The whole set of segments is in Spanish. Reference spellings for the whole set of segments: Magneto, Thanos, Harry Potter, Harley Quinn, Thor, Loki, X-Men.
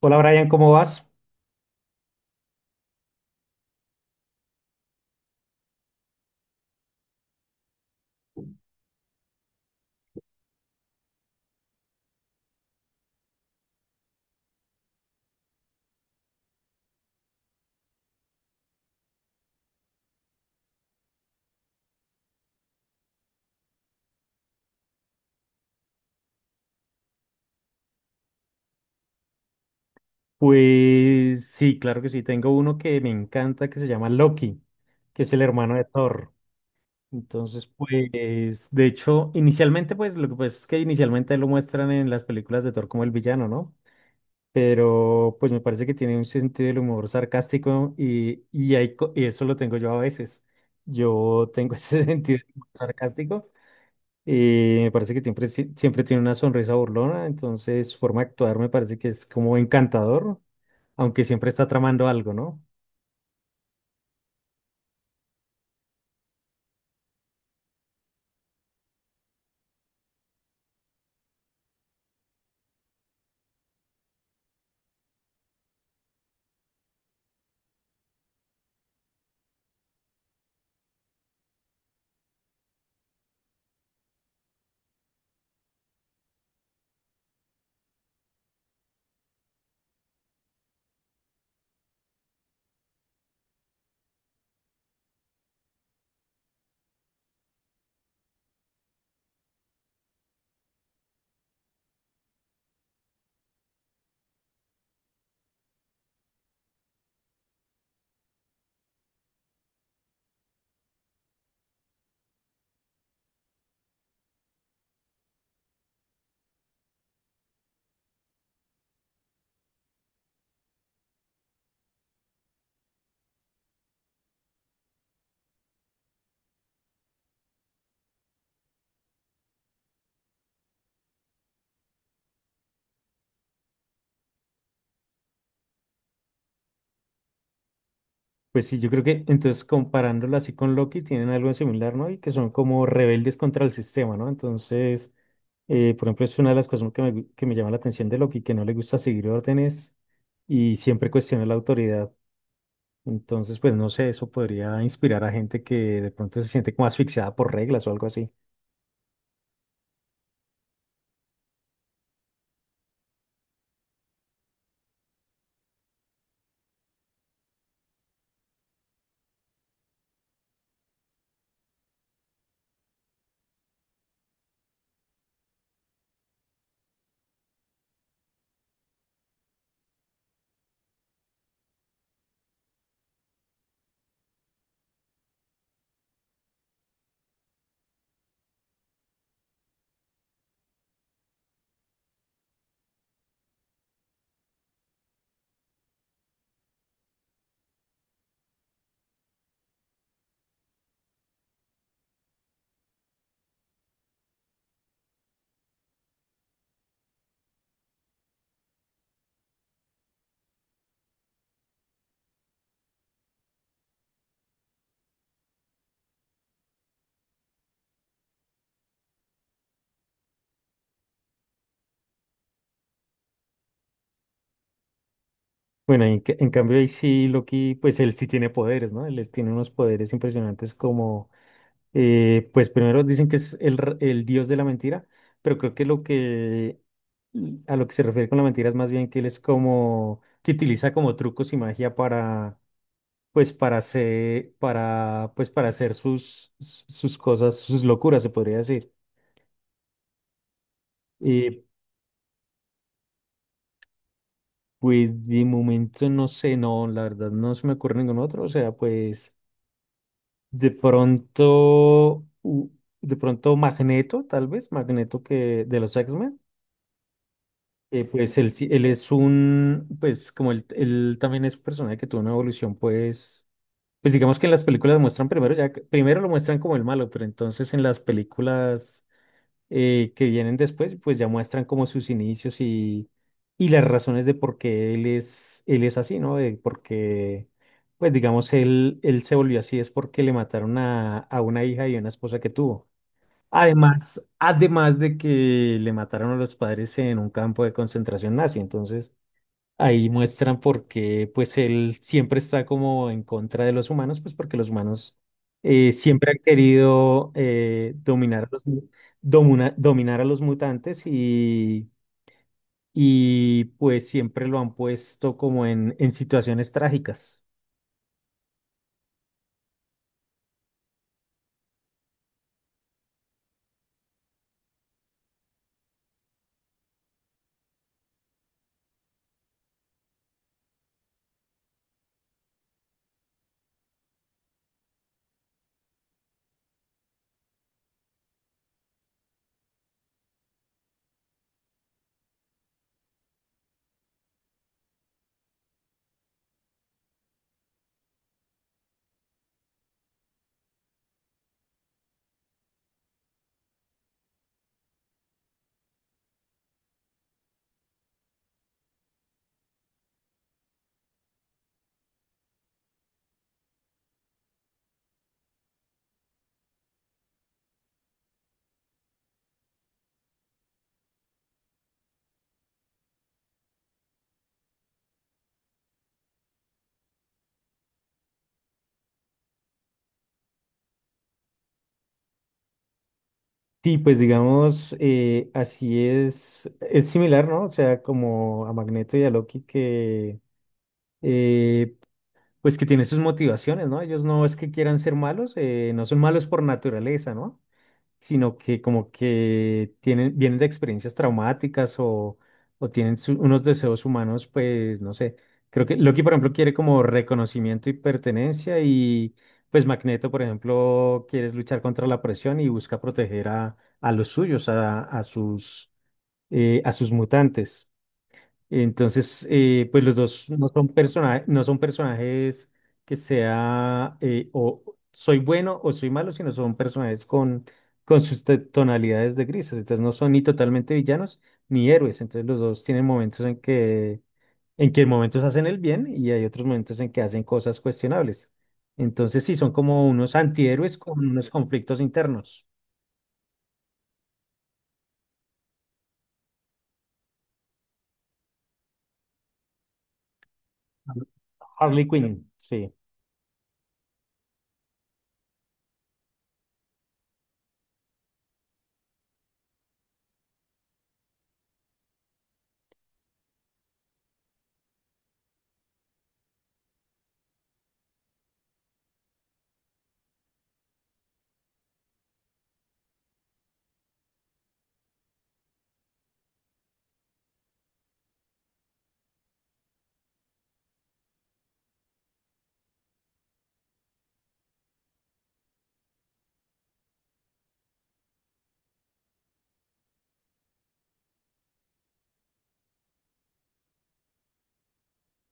Hola Brian, ¿cómo vas? Pues sí, claro que sí. Tengo uno que me encanta que se llama Loki, que es el hermano de Thor. Entonces, pues, de hecho, inicialmente, pues, lo que pasa es que inicialmente lo muestran en las películas de Thor como el villano, ¿no? Pero, pues, me parece que tiene un sentido del humor sarcástico y y eso lo tengo yo a veces. Yo tengo ese sentido del humor sarcástico. Y me parece que siempre, siempre tiene una sonrisa burlona, entonces su forma de actuar me parece que es como encantador, aunque siempre está tramando algo, ¿no? Pues sí, yo creo que entonces comparándolo así con Loki tienen algo en similar, ¿no? Y que son como rebeldes contra el sistema, ¿no? Entonces, por ejemplo, es una de las cosas que que me llama la atención de Loki, que no le gusta seguir órdenes y siempre cuestiona la autoridad. Entonces, pues no sé, eso podría inspirar a gente que de pronto se siente como asfixiada por reglas o algo así. Bueno, en cambio ahí sí Loki, pues él sí tiene poderes, ¿no? Él tiene unos poderes impresionantes como, pues primero dicen que es el dios de la mentira, pero creo que lo que, a lo que se refiere con la mentira es más bien que él es como, que utiliza como trucos y magia para, pues para hacer, para, pues para hacer sus, sus cosas, sus locuras, se podría decir. Y pues de momento no sé, no, la verdad no se me ocurre ningún otro, o sea, pues... De pronto, de pronto Magneto, tal vez, Magneto que de los X-Men, pues él, él es un, pues como él también es un personaje que tuvo una evolución, pues, pues digamos que en las películas muestran primero, ya, primero lo muestran como el malo, pero entonces en las películas que vienen después, pues ya muestran como sus inicios y las razones de por qué él es así, ¿no? De por qué, pues digamos, él se volvió así es porque le mataron a una hija y a una esposa que tuvo. Además, además de que le mataron a los padres en un campo de concentración nazi, entonces ahí muestran por qué, pues él siempre está como en contra de los humanos, pues porque los humanos siempre han querido dominar a dominar a los mutantes y pues siempre lo han puesto como en situaciones trágicas. Sí, pues digamos, así es similar, ¿no? O sea, como a Magneto y a Loki que... eh, pues que tiene sus motivaciones, ¿no? Ellos no es que quieran ser malos, no son malos por naturaleza, ¿no? Sino que como que tienen, vienen de experiencias traumáticas o tienen unos deseos humanos, pues no sé. Creo que Loki, por ejemplo, quiere como reconocimiento y pertenencia y pues Magneto, por ejemplo, quiere luchar contra la presión y busca proteger a los suyos, a sus mutantes. Entonces, pues los dos no son personajes, no son personajes que sea o soy bueno o soy malo, sino son personajes con sus tonalidades de grises. Entonces no son ni totalmente villanos ni héroes. Entonces los dos tienen momentos en que momentos hacen el bien y hay otros momentos en que hacen cosas cuestionables. Entonces sí, son como unos antihéroes con unos conflictos internos. Harley Quinn, sí.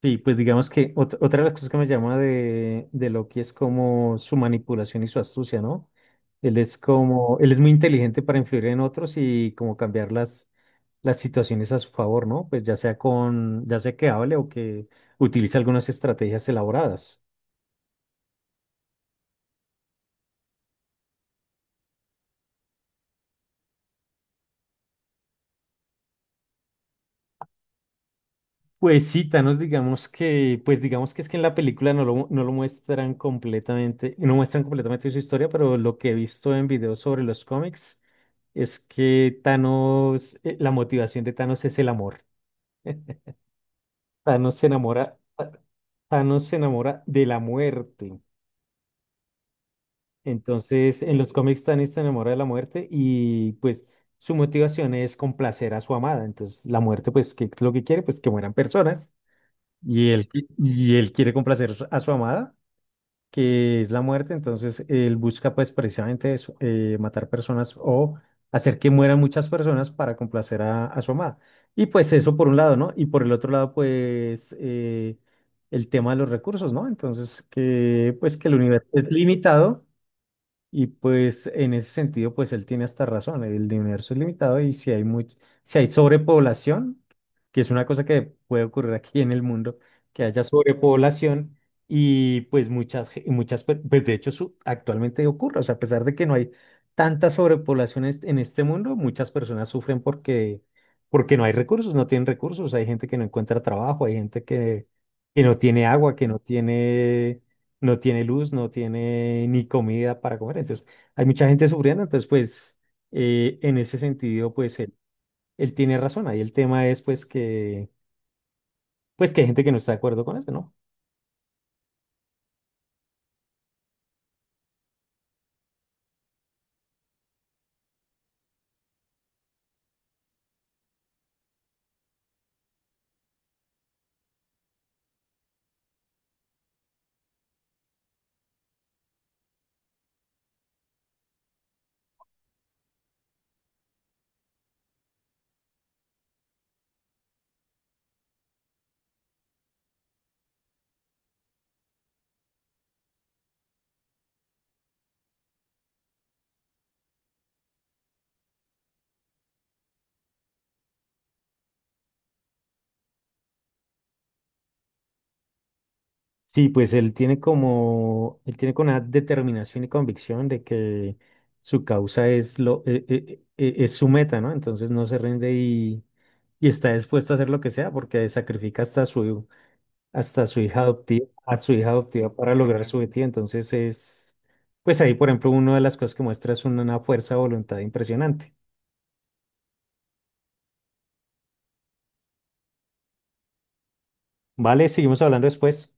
Sí, pues digamos que otra de las cosas que me llama de Loki es como su manipulación y su astucia, ¿no? Él es como, él es muy inteligente para influir en otros y como cambiar las situaciones a su favor, ¿no? Pues ya sea con, ya sea que hable o que utilice algunas estrategias elaboradas. Pues sí, Thanos, digamos que, pues digamos que es que en la película no lo, no lo muestran completamente, no muestran completamente su historia, pero lo que he visto en videos sobre los cómics es que Thanos, la motivación de Thanos es el amor. Thanos se enamora, Thanos se enamora de la muerte. Entonces, en los cómics Thanos se enamora de la muerte y pues su motivación es complacer a su amada. Entonces, la muerte, pues, ¿qué es lo que quiere? Pues que mueran personas. Y él, y él quiere complacer a su amada, que es la muerte, entonces él busca pues precisamente eso, matar personas o hacer que mueran muchas personas para complacer a su amada. Y pues eso por un lado, ¿no? Y por el otro lado, pues el tema de los recursos, ¿no? Entonces, que pues que el universo es limitado y pues en ese sentido, pues él tiene hasta razón, el universo es limitado y si hay si hay sobrepoblación, que es una cosa que puede ocurrir aquí en el mundo, que haya sobrepoblación y pues pues de hecho actualmente ocurre, o sea, a pesar de que no hay tanta sobrepoblación en este mundo, muchas personas sufren porque, porque no hay recursos, no tienen recursos, hay gente que no encuentra trabajo, hay gente que no tiene agua, que no tiene no tiene luz, no tiene ni comida para comer. Entonces, hay mucha gente sufriendo. Entonces, pues, en ese sentido, pues, él tiene razón. Ahí el tema es, pues, que hay gente que no está de acuerdo con eso, ¿no? Sí, pues, él tiene como, él tiene con una determinación y convicción de que su causa es lo, es su meta, ¿no? Entonces, no se rinde y está dispuesto a hacer lo que sea porque sacrifica hasta su hija adoptiva, a su hija adoptiva para lograr su objetivo. Entonces es, pues ahí, por ejemplo, una de las cosas que muestra es una fuerza de voluntad impresionante. Vale, seguimos hablando después.